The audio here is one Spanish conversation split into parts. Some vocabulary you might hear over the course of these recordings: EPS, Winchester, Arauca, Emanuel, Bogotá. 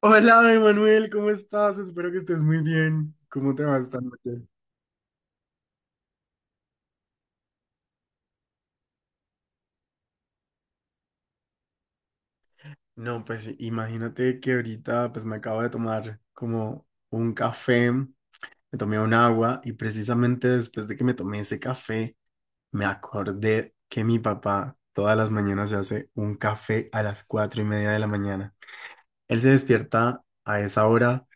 Hola, Emanuel, ¿cómo estás? Espero que estés muy bien. ¿Cómo te va esta noche? No, pues imagínate que ahorita pues me acabo de tomar como un café, me tomé un agua y precisamente después de que me tomé ese café, me acordé que mi papá todas las mañanas se hace un café a las cuatro y media de la mañana. Él se despierta a esa hora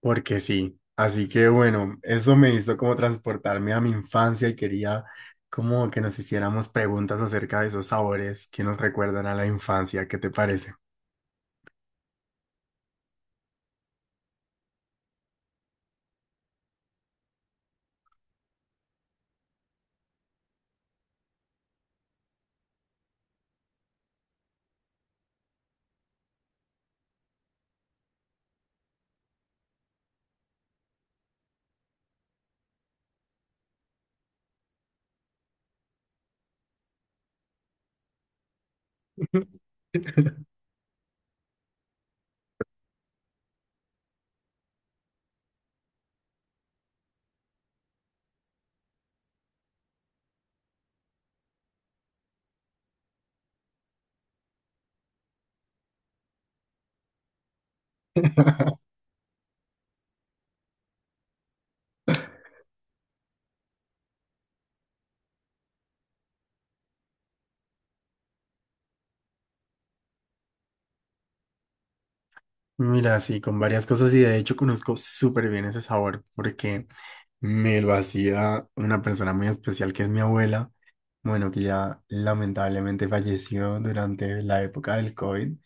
porque sí. Así que bueno, eso me hizo como transportarme a mi infancia y quería como que nos hiciéramos preguntas acerca de esos sabores que nos recuerdan a la infancia. ¿Qué te parece? Mira, sí, con varias cosas y de hecho conozco súper bien ese sabor porque me lo hacía una persona muy especial que es mi abuela. Bueno, que ya lamentablemente falleció durante la época del COVID,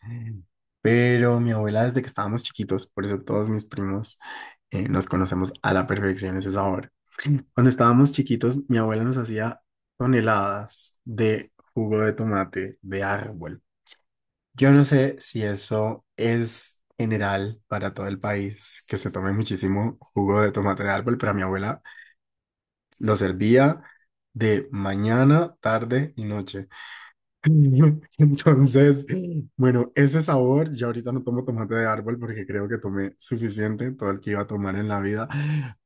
pero mi abuela desde que estábamos chiquitos, por eso todos mis primos nos conocemos a la perfección ese sabor. Cuando estábamos chiquitos, mi abuela nos hacía toneladas de jugo de tomate de árbol. Yo no sé si eso es general para todo el país, que se tome muchísimo jugo de tomate de árbol, pero mi abuela lo servía de mañana, tarde y noche. Entonces, bueno, ese sabor, ya ahorita no tomo tomate de árbol porque creo que tomé suficiente, todo el que iba a tomar en la vida,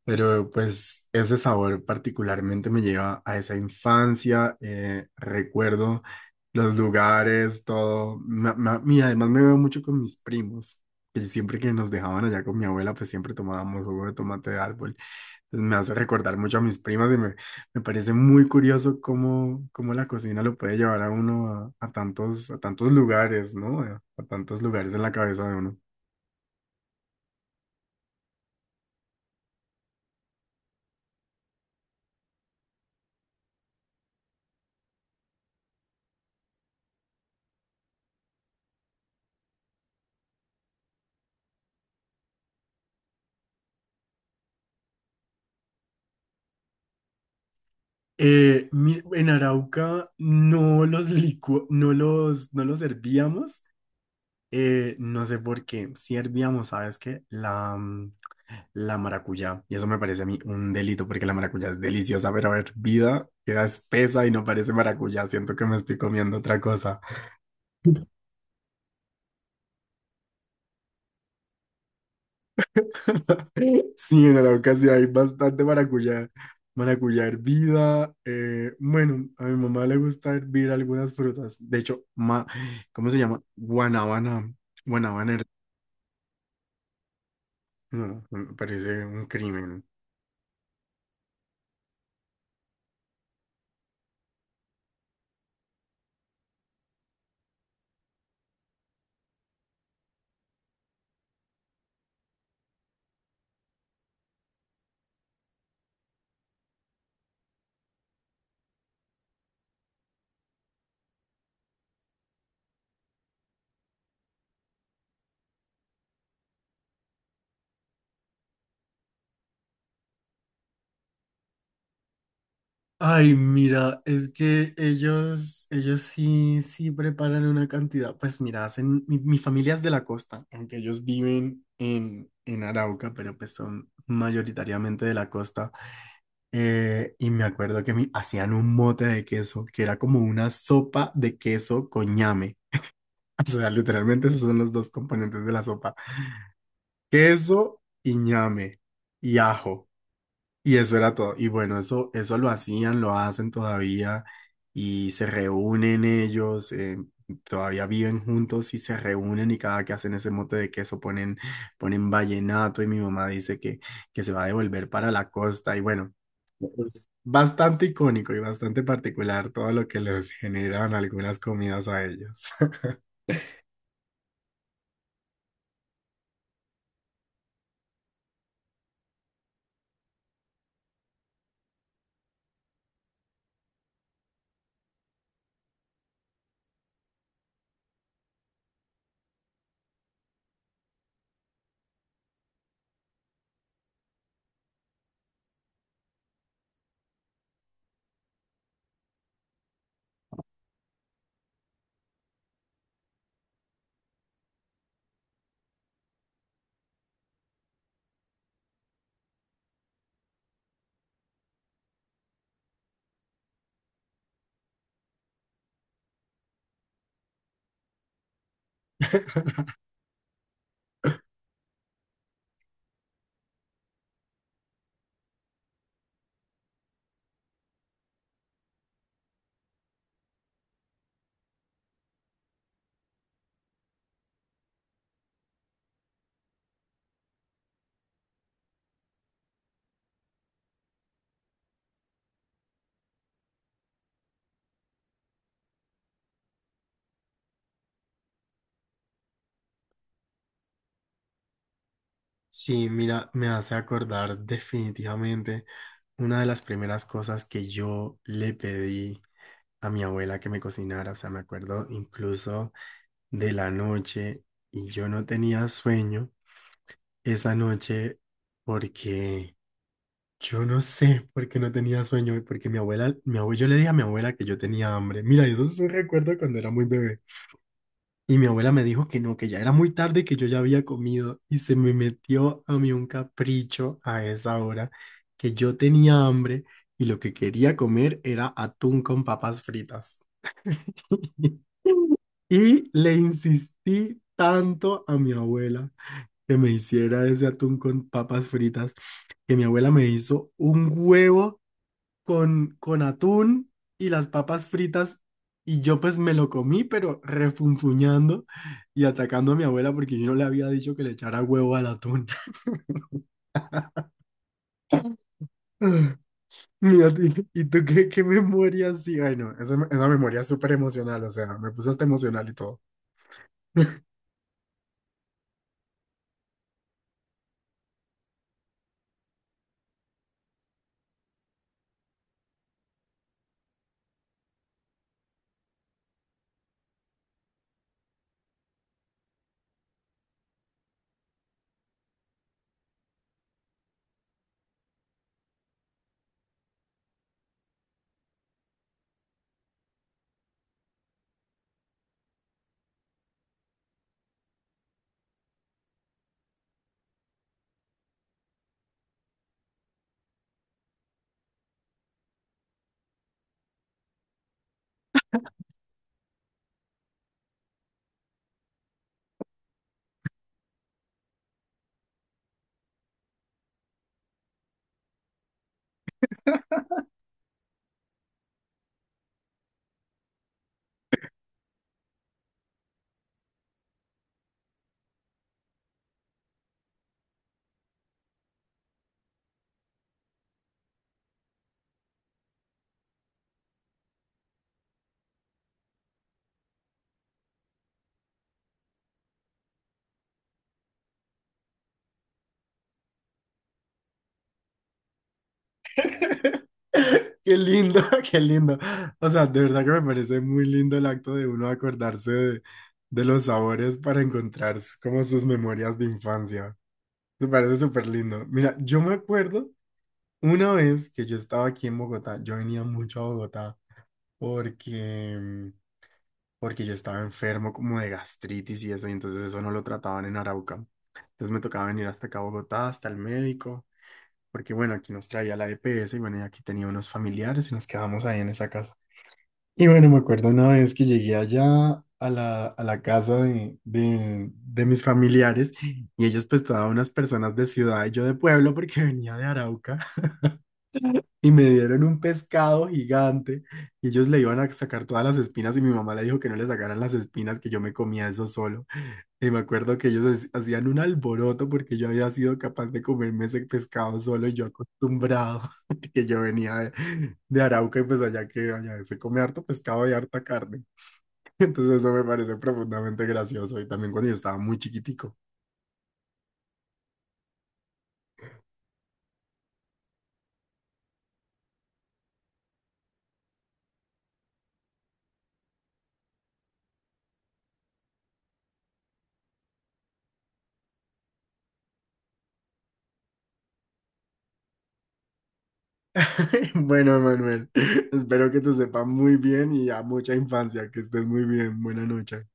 pero pues ese sabor particularmente me lleva a esa infancia, recuerdo los lugares, todo, y además me veo mucho con mis primos, que siempre que nos dejaban allá con mi abuela, pues siempre tomábamos jugo de tomate de árbol. Me hace recordar mucho a mis primas y me parece muy curioso cómo la cocina lo puede llevar a uno a tantos lugares, ¿no? A tantos lugares en la cabeza de uno. En Arauca no no los servíamos, no sé por qué. Si hervíamos, ¿sabes qué? La maracuyá. Y eso me parece a mí un delito porque la maracuyá es deliciosa, pero hervida queda espesa y no parece maracuyá. Siento que me estoy comiendo otra cosa. Sí, en Arauca sí hay bastante maracuyá, maracuyá hervida. Bueno, a mi mamá le gusta hervir algunas frutas. De hecho, ¿cómo se llama? Guanábana. Guanábana. her- No, me parece un crimen. Ay, mira, es que ellos sí preparan una cantidad. Pues mira, mi familia es de la costa, aunque ellos viven en Arauca, pero pues son mayoritariamente de la costa. Y me acuerdo que me hacían un mote de queso, que era como una sopa de queso con ñame. O sea, literalmente esos son los dos componentes de la sopa. Queso y ñame y ajo. Y eso era todo. Y bueno, eso lo hacían, lo hacen todavía y se reúnen ellos, todavía viven juntos y se reúnen y cada que hacen ese mote de queso ponen vallenato y mi mamá dice que se va a devolver para la costa y bueno, es bastante icónico y bastante particular todo lo que les generan algunas comidas a ellos. Sí, mira, me hace acordar definitivamente una de las primeras cosas que yo le pedí a mi abuela que me cocinara, o sea, me acuerdo incluso de la noche y yo no tenía sueño esa noche porque yo no sé por qué no tenía sueño, y porque mi abuela, mi abuelo, yo le dije a mi abuela que yo tenía hambre. Mira, eso es un recuerdo cuando era muy bebé. Y mi abuela me dijo que no, que ya era muy tarde, y que yo ya había comido y se me metió a mí un capricho a esa hora que yo tenía hambre y lo que quería comer era atún con papas fritas. Y le insistí tanto a mi abuela que me hiciera ese atún con papas fritas, que mi abuela me hizo un huevo con atún y las papas fritas. Y yo pues me lo comí, pero refunfuñando y atacando a mi abuela porque yo no le había dicho que le echara huevo al atún. Ah, mira, ¿y tú qué, qué memoria sí? Ay, no, esa memoria es súper emocional, o sea, me puse hasta emocional y todo. Qué lindo, qué lindo. O sea, de verdad que me parece muy lindo el acto de uno acordarse de los sabores para encontrar como sus memorias de infancia. Me parece súper lindo. Mira, yo me acuerdo una vez que yo estaba aquí en Bogotá, yo venía mucho a Bogotá porque, mm, porque yo estaba enfermo como de gastritis y eso, y entonces eso no lo trataban en Arauca. Entonces me tocaba venir hasta acá a Bogotá, hasta el médico, porque bueno, aquí nos traía la EPS y bueno, y aquí tenía unos familiares y nos quedamos ahí en esa casa. Y bueno, me acuerdo una vez que llegué allá a a la casa de mis familiares y ellos pues todas unas personas de ciudad y yo de pueblo porque venía de Arauca y me dieron un pescado gigante y ellos le iban a sacar todas las espinas y mi mamá le dijo que no le sacaran las espinas, que yo me comía eso solo. Y me acuerdo que ellos hacían un alboroto porque yo había sido capaz de comerme ese pescado solo y yo acostumbrado que yo venía de Arauca y pues allá que allá se come harto pescado y harta carne. Entonces eso me parece profundamente gracioso y también cuando yo estaba muy chiquitico. Bueno, Manuel, espero que te sepa muy bien y a mucha infancia, que estés muy bien. Buena noche.